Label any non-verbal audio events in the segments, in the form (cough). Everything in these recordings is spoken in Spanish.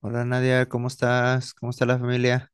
Hola Nadia, ¿cómo estás? ¿Cómo está la familia?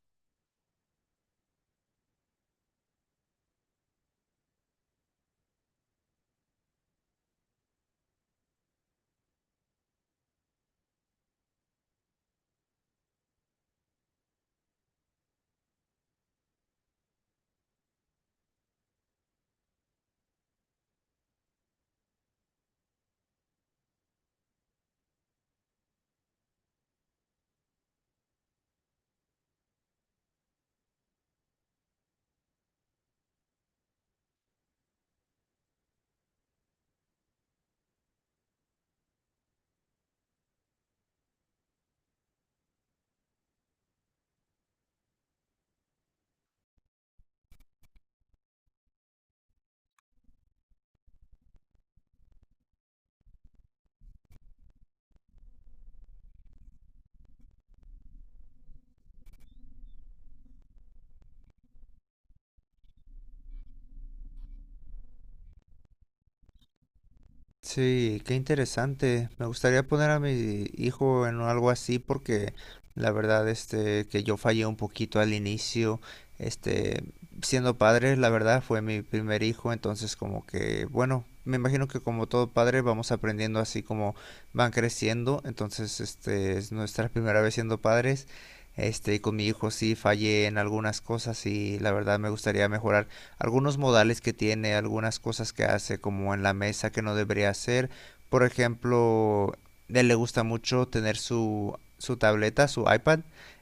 Sí, qué interesante. Me gustaría poner a mi hijo en algo así porque la verdad que yo fallé un poquito al inicio. este Siendo padre, la verdad fue mi primer hijo. Entonces como que bueno, me imagino que como todo padre vamos aprendiendo así como van creciendo. Entonces es nuestra primera vez siendo padres. Y con mi hijo sí fallé en algunas cosas y la verdad me gustaría mejorar algunos modales que tiene, algunas cosas que hace, como en la mesa que no debería hacer. Por ejemplo, a él le gusta mucho tener su tableta, su iPad,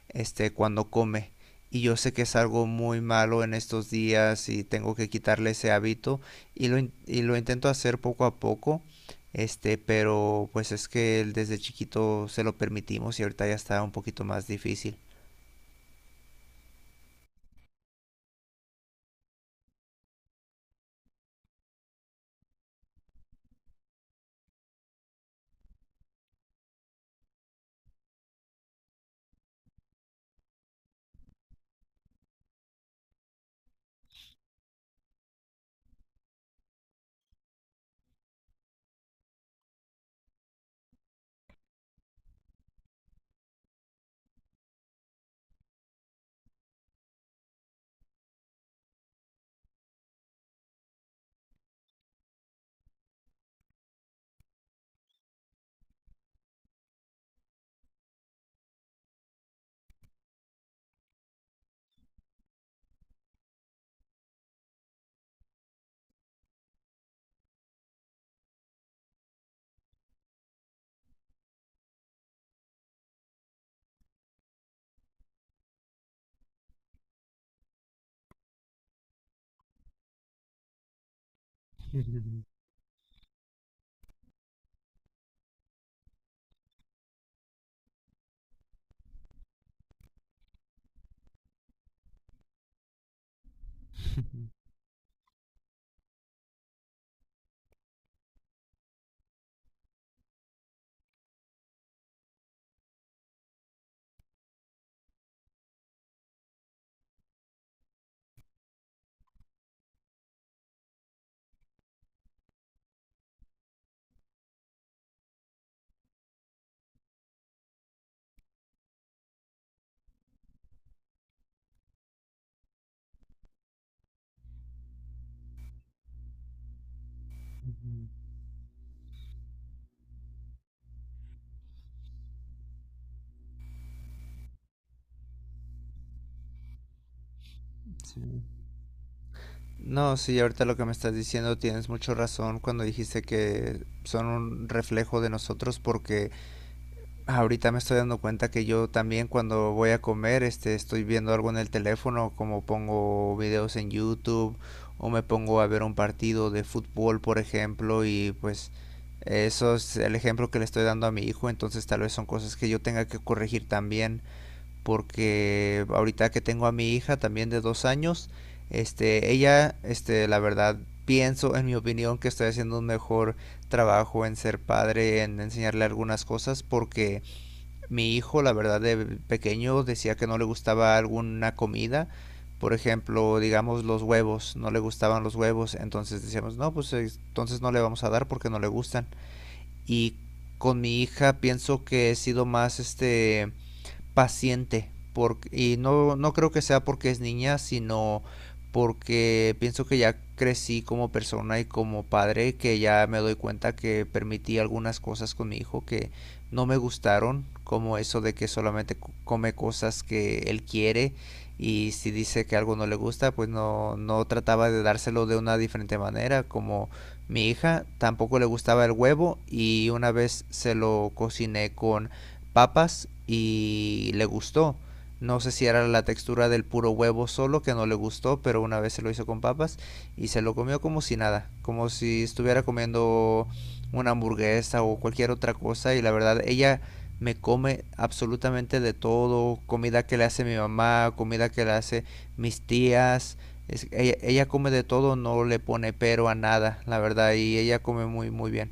cuando come. Y yo sé que es algo muy malo en estos días y tengo que quitarle ese hábito. Y lo intento hacer poco a poco. Pero pues es que él desde chiquito se lo permitimos y ahorita ya está un poquito más difícil. (laughs) Sí. No, sí, ahorita lo que me estás diciendo tienes mucho razón cuando dijiste que son un reflejo de nosotros. Porque ahorita me estoy dando cuenta que yo también cuando voy a comer, estoy viendo algo en el teléfono, como pongo videos en YouTube o me pongo a ver un partido de fútbol, por ejemplo. Y pues eso es el ejemplo que le estoy dando a mi hijo, entonces tal vez son cosas que yo tenga que corregir también, porque ahorita que tengo a mi hija también de dos años, la verdad, pienso, en mi opinión, que estoy haciendo un mejor trabajo en ser padre, en enseñarle algunas cosas. Porque mi hijo, la verdad, de pequeño decía que no le gustaba alguna comida. Por ejemplo, digamos los huevos, no le gustaban los huevos, entonces decíamos, no, pues entonces no le vamos a dar porque no le gustan. Y con mi hija pienso que he sido más paciente. Porque, y no creo que sea porque es niña, sino porque pienso que ya crecí como persona y como padre, que ya me doy cuenta que permití algunas cosas con mi hijo que no me gustaron, como eso de que solamente come cosas que él quiere. Y si dice que algo no le gusta, pues no trataba de dárselo de una diferente manera. Como mi hija tampoco le gustaba el huevo y una vez se lo cociné con papas y le gustó. No sé si era la textura del puro huevo solo que no le gustó, pero una vez se lo hizo con papas y se lo comió como si nada, como si estuviera comiendo una hamburguesa o cualquier otra cosa. Y la verdad ella me come absolutamente de todo, comida que le hace mi mamá, comida que le hace mis tías. Ella come de todo, no le pone pero a nada, la verdad, y ella come muy muy bien.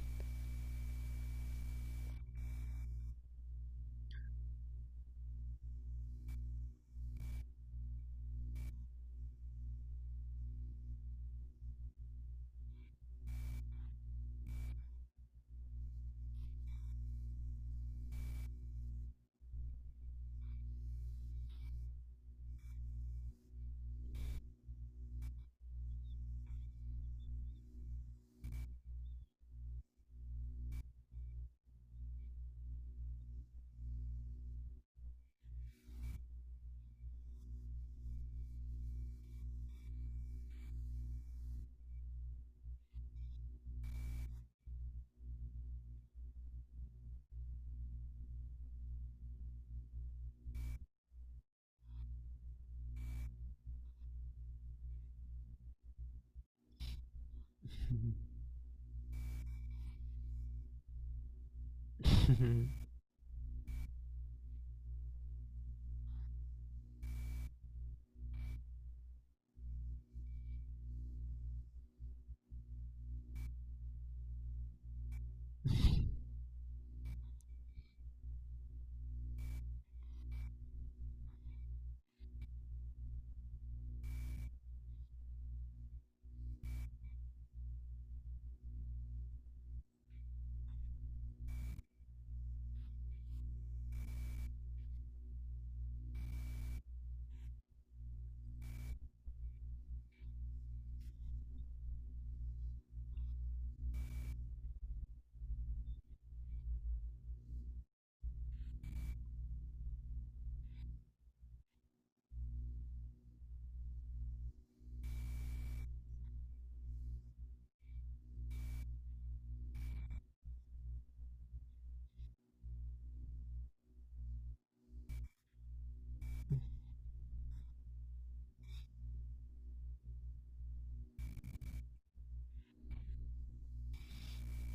(laughs)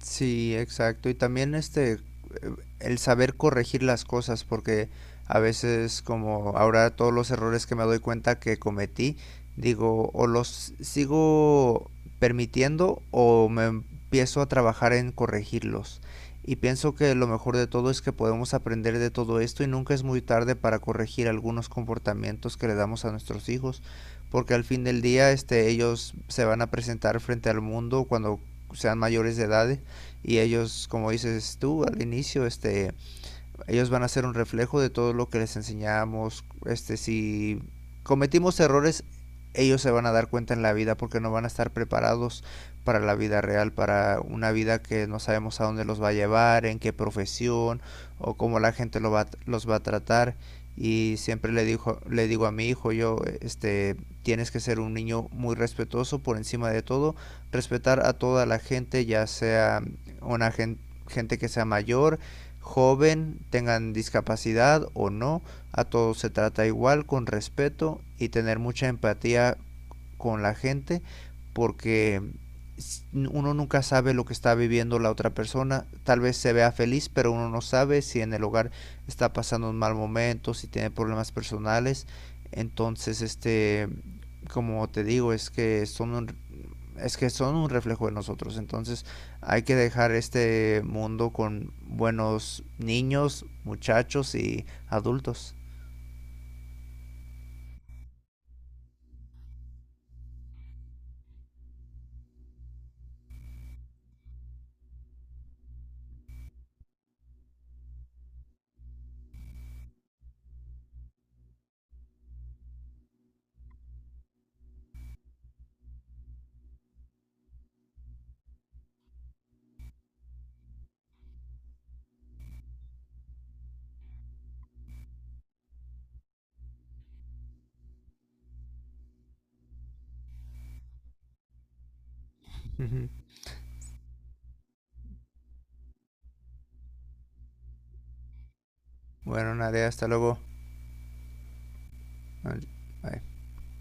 Sí, exacto. Y también el saber corregir las cosas, porque a veces como ahora todos los errores que me doy cuenta que cometí, digo, o los sigo permitiendo o me empiezo a trabajar en corregirlos. Y pienso que lo mejor de todo es que podemos aprender de todo esto y nunca es muy tarde para corregir algunos comportamientos que le damos a nuestros hijos, porque al fin del día, ellos se van a presentar frente al mundo cuando sean mayores de edad. Y ellos, como dices tú al inicio, ellos van a ser un reflejo de todo lo que les enseñamos. Si cometimos errores, ellos se van a dar cuenta en la vida porque no van a estar preparados para la vida real, para una vida que no sabemos a dónde los va a llevar, en qué profesión o cómo la gente lo va, los va a tratar. Y siempre dijo, le digo a mi hijo, yo, tienes que ser un niño muy respetuoso por encima de todo, respetar a toda la gente, ya sea una gente, gente que sea mayor, joven, tengan discapacidad o no, a todos se trata igual, con respeto y tener mucha empatía con la gente, porque uno nunca sabe lo que está viviendo la otra persona. Tal vez se vea feliz, pero uno no sabe si en el hogar está pasando un mal momento, si tiene problemas personales. Entonces, como te digo, es que son un reflejo de nosotros. Entonces hay que dejar este mundo con buenos niños, muchachos y adultos. Ujú. Bueno, Nadia, hasta luego. Bye.